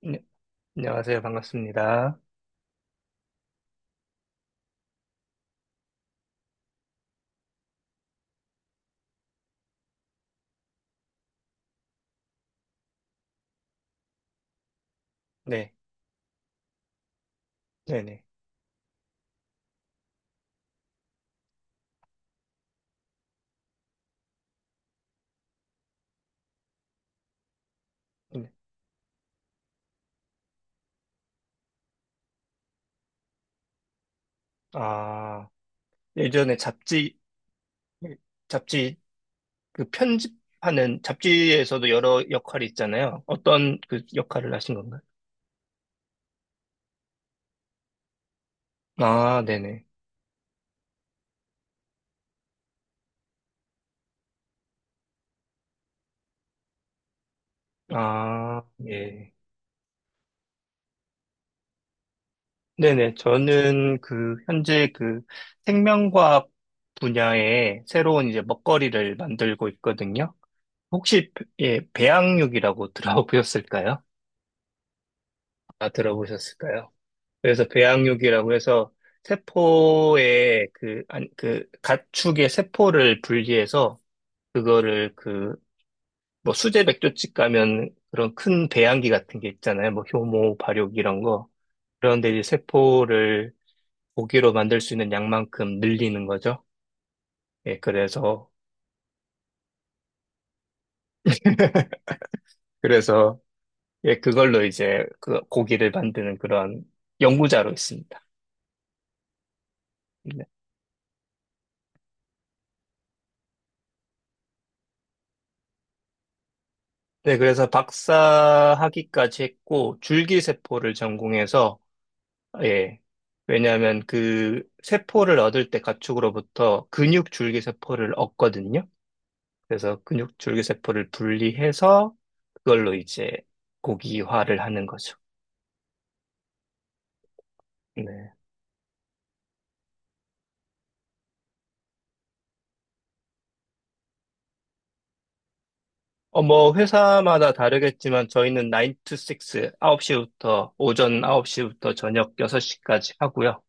네, 안녕하세요. 반갑습니다. 네, 네네. 네. 아, 예전에 잡지, 그 편집하는, 잡지에서도 여러 역할이 있잖아요. 어떤 그 역할을 하신 건가요? 아, 네네. 아, 예. 네네. 저는 그, 현재 그 생명과학 분야에 새로운 이제 먹거리를 만들고 있거든요. 혹시, 예, 배양육이라고 들어보셨을까요? 아, 들어보셨을까요? 그래서 배양육이라고 해서 세포의 그, 안, 그 가축의 세포를 분리해서 그거를 그, 뭐 수제 맥조집 가면 그런 큰 배양기 같은 게 있잖아요. 뭐 효모, 발육 이런 거. 그런데 이제 세포를 고기로 만들 수 있는 양만큼 늘리는 거죠. 예, 그래서, 예, 그걸로 이제 그 고기를 만드는 그런 연구자로 있습니다. 네, 네, 그래서 박사학위까지 했고, 줄기세포를 전공해서 예. 왜냐하면 그 세포를 얻을 때 가축으로부터 근육 줄기 세포를 얻거든요. 그래서 근육 줄기 세포를 분리해서 그걸로 이제 고기화를 하는 거죠. 네. 뭐 회사마다 다르겠지만 저희는 9 to 6, 홉시부터 오전 9시부터 저녁 6시까지 하고요.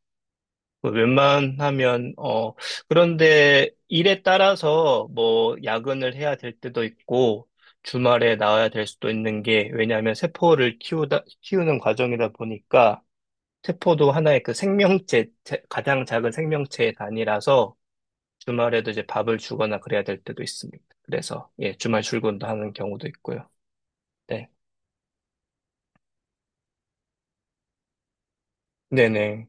그 웬만하면, 그런데 일에 따라서 뭐 야근을 해야 될 때도 있고, 주말에 나와야 될 수도 있는 게, 왜냐하면 세포를 키우는 과정이다 보니까, 세포도 하나의 그 생명체, 제- 가장 작은 생명체의 단위라서, 주말에도 이제 밥을 주거나 그래야 될 때도 있습니다. 그래서, 예, 주말 출근도 하는 경우도 있고요. 네. 네네.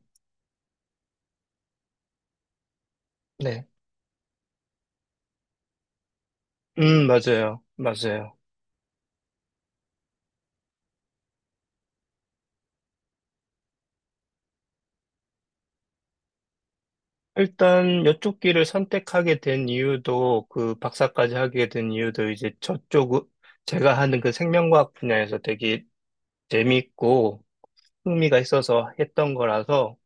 네. 맞아요. 맞아요. 일단 이쪽 길을 선택하게 된 이유도 그 박사까지 하게 된 이유도 이제 저쪽 제가 하는 그 생명과학 분야에서 되게 재밌고 흥미가 있어서 했던 거라서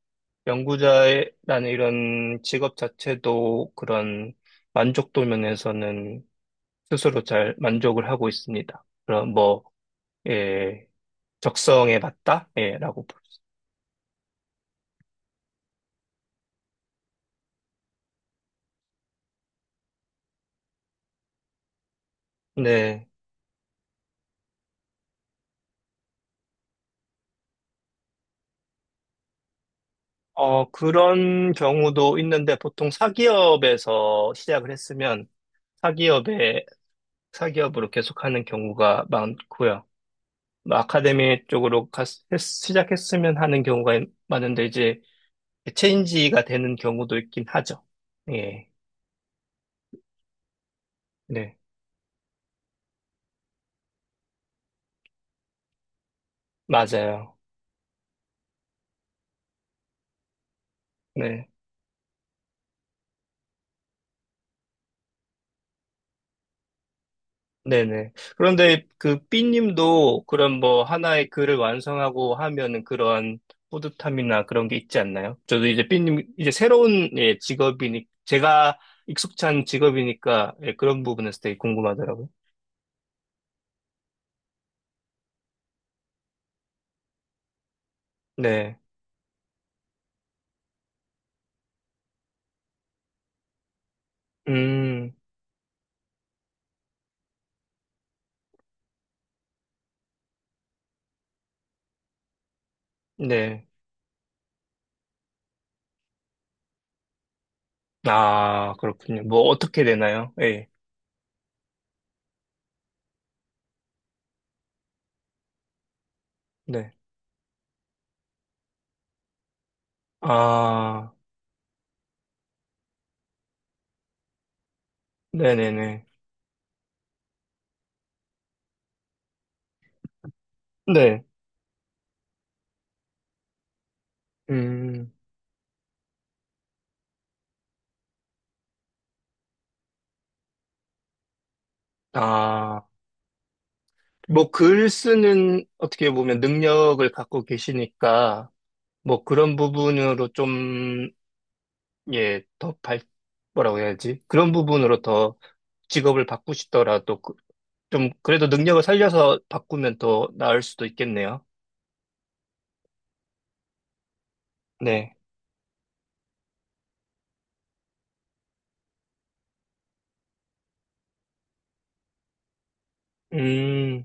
연구자라는 이런 직업 자체도 그런 만족도 면에서는 스스로 잘 만족을 하고 있습니다. 그럼 뭐, 예, 적성에 맞다? 예, 라고 볼 수. 네. 그런 경우도 있는데 보통 사기업에서 시작을 했으면 사기업에, 사기업으로 계속하는 경우가 많고요. 뭐 아카데미 쪽으로 시작했으면 하는 경우가 많은데 이제 체인지가 되는 경우도 있긴 하죠. 예, 네, 맞아요. 네. 네네. 그런데 그 B님도 그런 뭐 하나의 글을 완성하고 하면은 그런 뿌듯함이나 그런 게 있지 않나요? 저도 이제 B님, 이제 새로운 예, 직업이니, 제가 익숙한 직업이니까 예, 그런 부분에서 되게 궁금하더라고요. 네. 음, 네. 아, 그렇군요. 뭐 어떻게 되나요? 예. 네. 아, 네네네. 네. 음, 아. 뭐, 글 쓰는, 어떻게 보면 능력을 갖고 계시니까, 뭐 그런 부분으로 좀, 예, 더 발, 뭐라고 해야지? 그런 부분으로 더 직업을 바꾸시더라도 좀 그래도 능력을 살려서 바꾸면 더 나을 수도 있겠네요. 네. 음,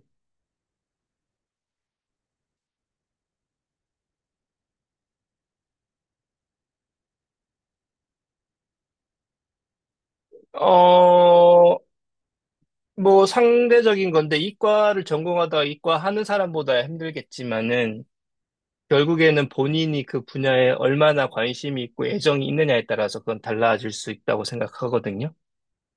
어, 뭐 상대적인 건데 이과를 전공하다가 이과 하는 사람보다 힘들겠지만은 결국에는 본인이 그 분야에 얼마나 관심이 있고 애정이 있느냐에 따라서 그건 달라질 수 있다고 생각하거든요.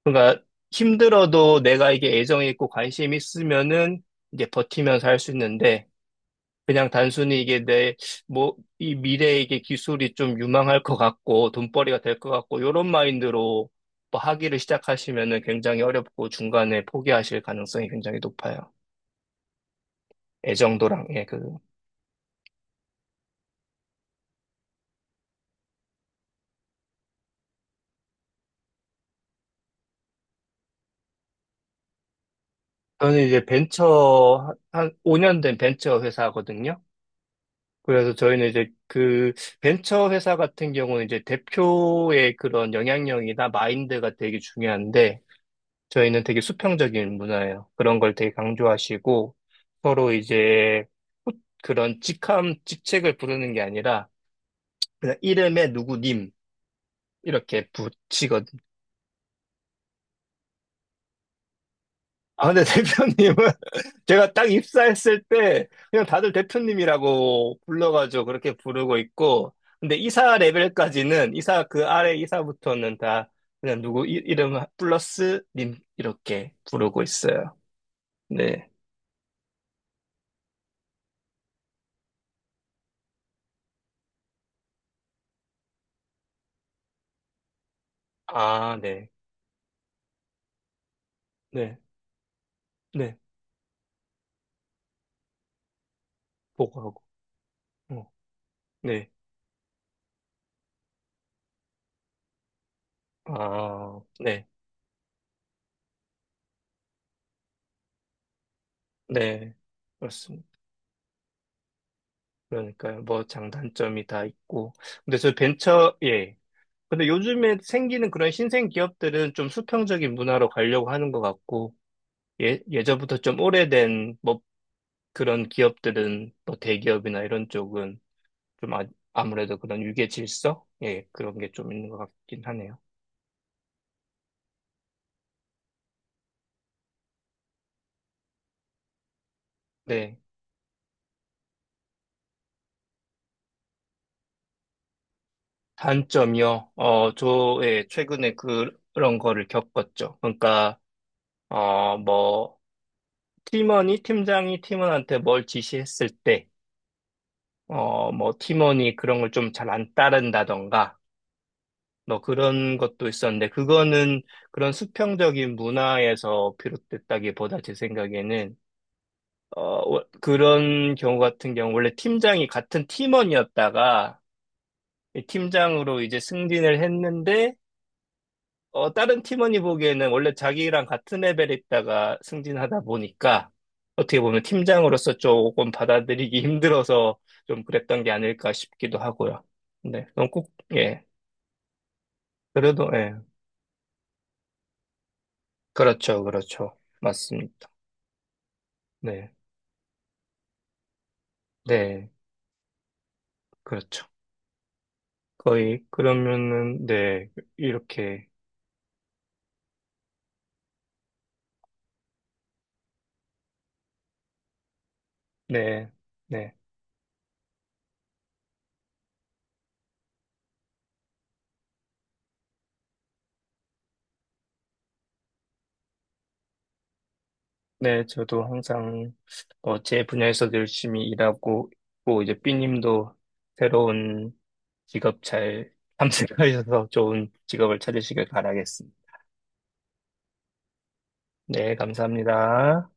그러니까 힘들어도 내가 이게 애정이 있고 관심이 있으면은 이제 버티면서 할 수 있는데 그냥 단순히 이게 내 뭐 이 미래에 이게 기술이 좀 유망할 것 같고 돈벌이가 될 것 같고 이런 마인드로 뭐기를 시작하시면은 굉장히 어렵고 중간에 포기하실 가능성이 굉장히 높아요. 애정도랑 예, 그 저는 이제 벤처 한 5년 된 벤처 회사거든요. 그래서 저희는 이제 그 벤처 회사 같은 경우는 이제 대표의 그런 영향력이나 마인드가 되게 중요한데 저희는 되게 수평적인 문화예요. 그런 걸 되게 강조하시고 서로 이제 후- 그런 직함, 직책을 부르는 게 아니라 그냥 이름에 누구님 이렇게 아, 근데 대표님은 제가 딱 입사했을 때 그냥 다들 대표님이라고 불러가지고 그렇게 부르고 있고, 근데 이사 레벨까지는 이사 그 아래 이사부터는 다 그냥 누구 이, 이름 플러스 님 이렇게 부르고 있어요. 네. 아, 네. 네. 네. 보고하고. 어. 네. 아, 네. 네. 그렇습니다. 그러니까요. 뭐 장단점이 다 있고. 근데 저 벤처, 예. 근데 요즘에 생기는 그런 신생 기업들은 좀 수평적인 문화로 가려고 하는 것 같고, 예, 예전부터 좀 오래된 뭐 그런 기업들은 뭐 대기업이나 이런 쪽은 좀 아, 아무래도 그런 유계 질서? 예, 그런 게 좀 있는 것 같긴 하네요. 네. 단점이요. 어, 저, 예, 최근에 그런 거를 겪었죠. 그러니까, 뭐, 팀장이 팀원한테 뭘 지시했을 때, 뭐, 팀원이 그런 걸 좀 잘 안 따른다던가, 뭐 그런 것도 있었는데 그거는 그런 수평적인 문화에서 비롯됐다기보다 제 생각에는 어 그런 경우 같은 경우 원래 팀장이 같은 팀원이었다가 이 팀장으로 이제 승진을 했는데 다른 팀원이 보기에는 원래 자기랑 같은 레벨에 있다가 승진하다 보니까 어떻게 보면 팀장으로서 조금 받아들이기 힘들어서 좀 그랬던 게 아닐까 싶기도 하고요. 네, 그럼 꼭, 예, 그래도, 예, 그렇죠, 그렇죠. 맞습니다. 네, 네, 그렇죠. 거의, 그러면은, 네, 이렇게, 네, 네, 네, 저도 항상, 제 분야에서 열심히 일하고 있고, 이제 삐님도 새로운 직업 잘 탐색하셔서 좋은 직업을 찾으시길 바라겠습니다. 네, 감사합니다.